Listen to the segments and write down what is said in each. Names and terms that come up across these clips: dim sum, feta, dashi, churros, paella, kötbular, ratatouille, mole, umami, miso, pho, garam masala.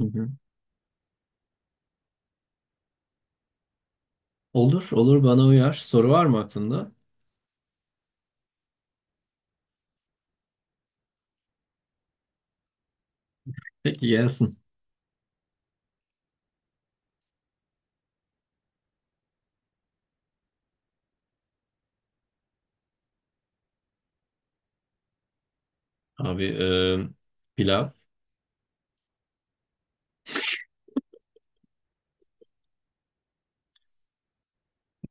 Hı hı. Olur, olur bana uyar. Soru var mı aklında? Peki gelsin. Abi pilav.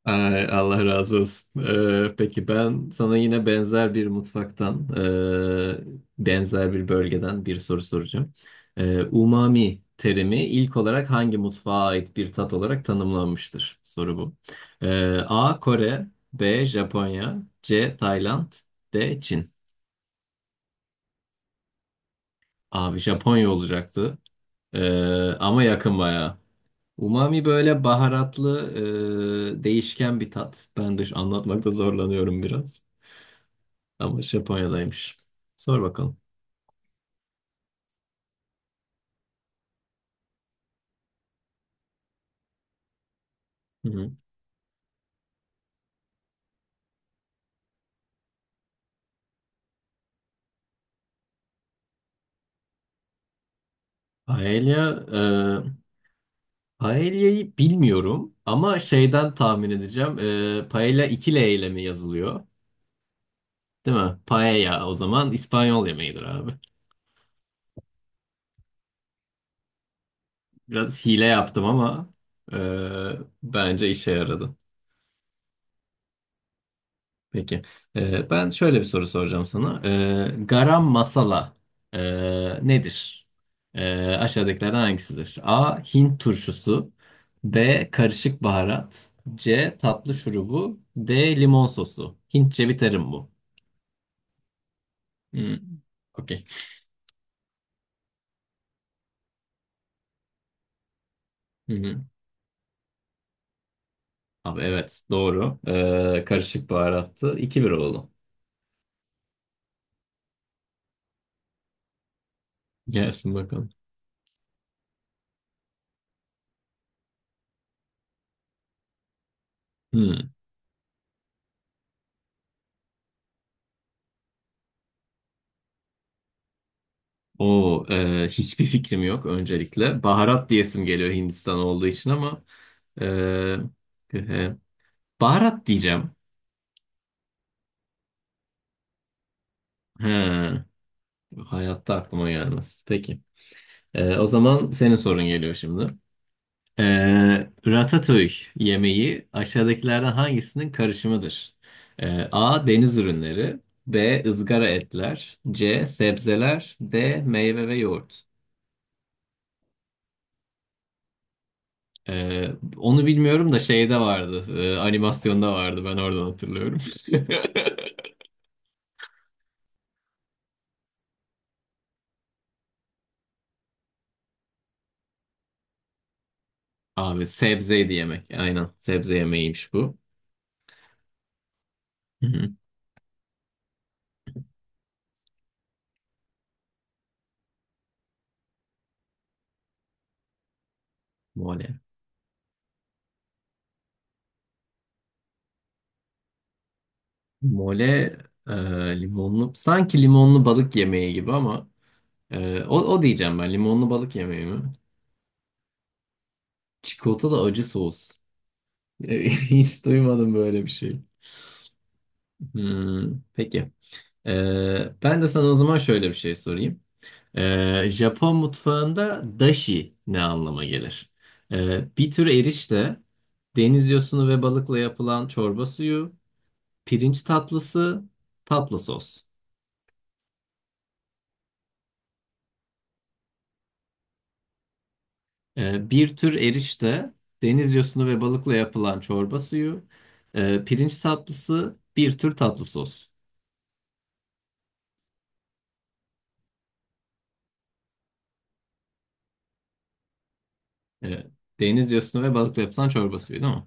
Ay, Allah razı olsun. Peki ben sana yine benzer bir mutfaktan, benzer bir bölgeden bir soru soracağım. Umami terimi ilk olarak hangi mutfağa ait bir tat olarak tanımlanmıştır? Soru bu. A. Kore, B. Japonya, C. Tayland, D. Çin. Abi Japonya olacaktı. E, ama yakın bayağı. Umami böyle baharatlı, değişken bir tat. Ben de anlatmakta zorlanıyorum biraz. Ama Japonya'daymış. Sor bakalım. Hı hı. Paella, paella'yı bilmiyorum ama şeyden tahmin edeceğim. Paella 2 L ile mi yazılıyor? Değil mi? Paella o zaman İspanyol yemeğidir abi. Biraz hile yaptım ama e, bence işe yaradı. Peki. Ben şöyle bir soru soracağım sana. Garam masala nedir? Aşağıdakilerden hangisidir? A. Hint turşusu, B. Karışık baharat, C. Tatlı şurubu, D. Limon sosu. Hintçe bir terim bu. Hmm, Okey. Hı hı. Abi evet doğru. Karışık baharattı. 2-1 oldu. Gelsin bakalım. Hmm. O hiçbir fikrim yok öncelikle. Baharat diyesim geliyor Hindistan olduğu için ama e, e, baharat diyeceğim. He, hayatta aklıma gelmez. Peki. O zaman senin sorun geliyor şimdi. E, ratatouille yemeği aşağıdakilerden hangisinin karışımıdır? A. Deniz ürünleri, B. ızgara etler, C. Sebzeler, D. Meyve ve yoğurt. Ee, onu bilmiyorum da şeyde vardı. Animasyonda vardı. Ben oradan hatırlıyorum. Abi sebzeydi yemek. Aynen. Sebze yemeğiymiş bu. Hı hı. Mole. Mole e, limonlu. Sanki limonlu balık yemeği gibi ama o diyeceğim ben. Limonlu balık yemeği mi? Çikolatalı acı sos. Hiç duymadım böyle bir şey. Peki. Ben de sana o zaman şöyle bir şey sorayım. Japon mutfağında dashi ne anlama gelir? Bir tür erişte, deniz yosunu ve balıkla yapılan çorba suyu, pirinç tatlısı, tatlı sos. Bir tür erişte, deniz yosunu ve balıkla yapılan çorba suyu, pirinç tatlısı, bir tür tatlı sos. Ee, deniz yosunu ve balıkla yapılan çorba suyu değil mi?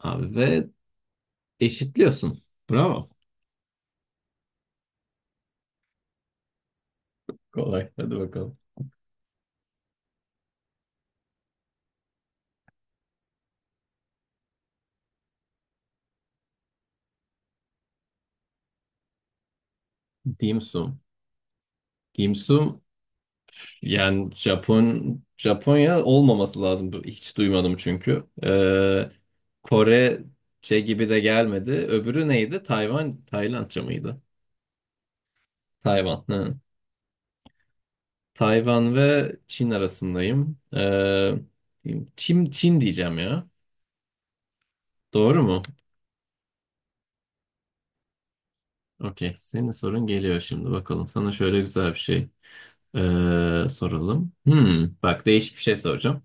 Abi ve eşitliyorsun. Bravo. Kolay. Hadi bakalım. Dim sum. Dim sum, yani Japonya olmaması lazım. Hiç duymadım çünkü. Korece gibi de gelmedi. Öbürü neydi? Tayvan, Taylandca mıydı? Tayvan, hı. Tayvan ve Çin arasındayım. Çin diyeceğim ya. Doğru mu? Okey. Senin sorun geliyor şimdi bakalım. Sana şöyle güzel bir şey. Soralım. Bak değişik bir şey soracağım.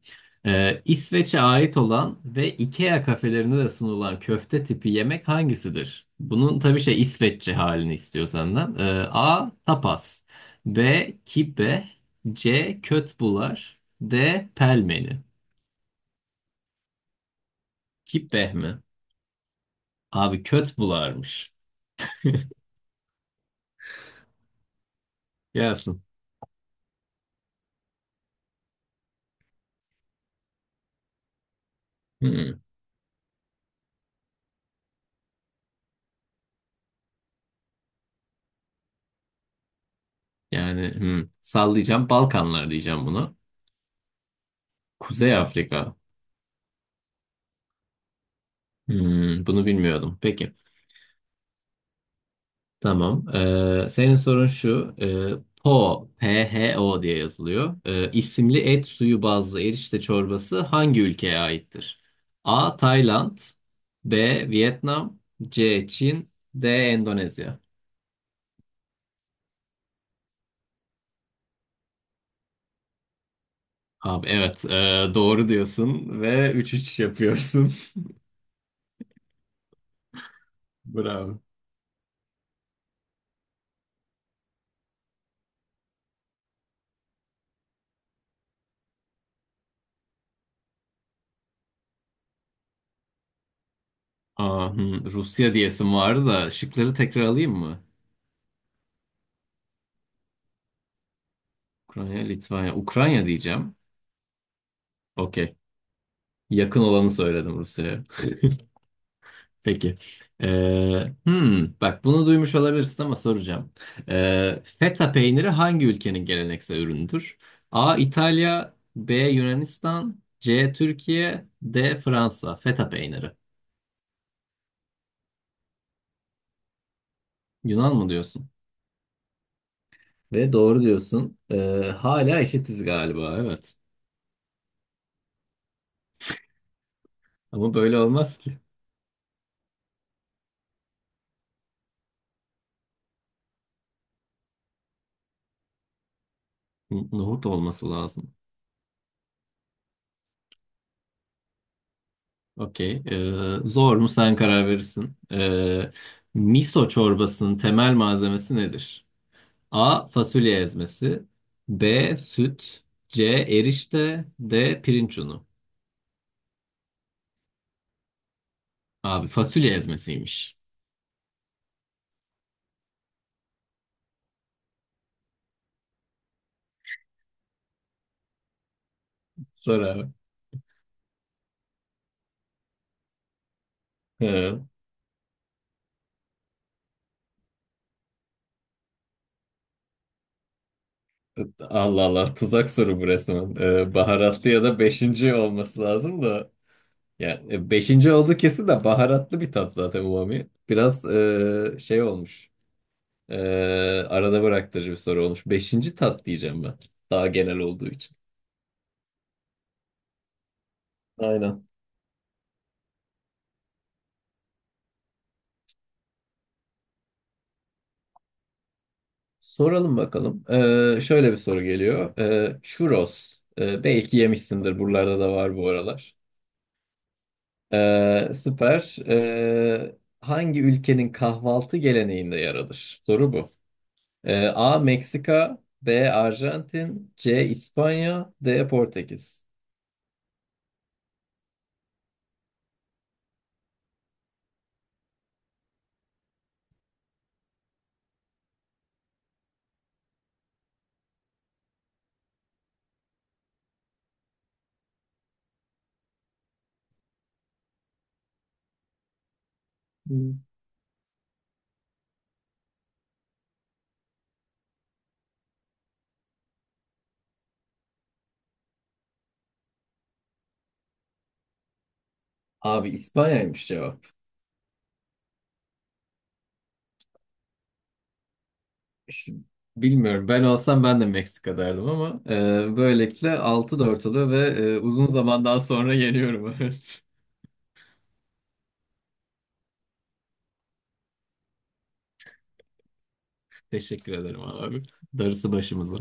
İsveç'e ait olan ve IKEA kafelerinde de sunulan köfte tipi yemek hangisidir? Bunun tabii şey İsveççe halini istiyor senden. A. Tapas, B. Kibbe, C. Kötbular, D. Pelmeni. Kibbeh mi? Abi kötbularmış. Gelsin. Hmm, yani hmm, sallayacağım, Balkanlar diyeceğim bunu. Kuzey Afrika. Bunu bilmiyordum. Peki. Tamam. Senin sorun şu. Po Pho diye yazılıyor. İsimli et suyu bazlı erişte çorbası hangi ülkeye aittir? A. Tayland, B. Vietnam, C. Çin, D. Endonezya. Abi evet doğru diyorsun ve 3-3 yapıyorsun. Bravo. Aa, Rusya diyesim vardı da şıkları tekrar alayım mı? Ukrayna, Litvanya, Ukrayna diyeceğim. Okey. Yakın olanı söyledim Rusya'ya. Peki. Bak bunu duymuş olabilirsin ama soracağım. Feta peyniri hangi ülkenin geleneksel ürünüdür? A. İtalya, B. Yunanistan, C. Türkiye, D. Fransa. Feta peyniri. Yunan mı diyorsun? Ve doğru diyorsun. Hala eşitiz galiba, evet. Ama böyle olmaz ki. Nohut olması lazım. Okey. Zor mu, sen karar verirsin. Miso çorbasının temel malzemesi nedir? A. Fasulye ezmesi, B. Süt, C. Erişte, D. Pirinç unu. Abi fasulye ezmesiymiş. Sor abi. He. Allah Allah, tuzak soru bu resmen. Baharatlı ya da beşinci olması lazım da. Yani beşinci oldu kesin de baharatlı bir tat zaten umami. Biraz şey olmuş. E, arada bıraktırıcı bir soru olmuş. Beşinci tat diyeceğim ben. Daha genel olduğu için. Aynen. Soralım bakalım. Şöyle bir soru geliyor. Churros. Belki yemişsindir. Buralarda da var bu aralar. Süper. Hangi ülkenin kahvaltı geleneğinde yer alır? Soru bu. A. Meksika, B. Arjantin, C. İspanya, D. Portekiz. Hmm. Abi İspanya'ymış cevap. İşte bilmiyorum. Ben olsam ben de Meksika derdim ama böylelikle 6-4 oluyor ve uzun zamandan sonra yeniyorum. Evet. Teşekkür ederim abi. Darısı başımıza.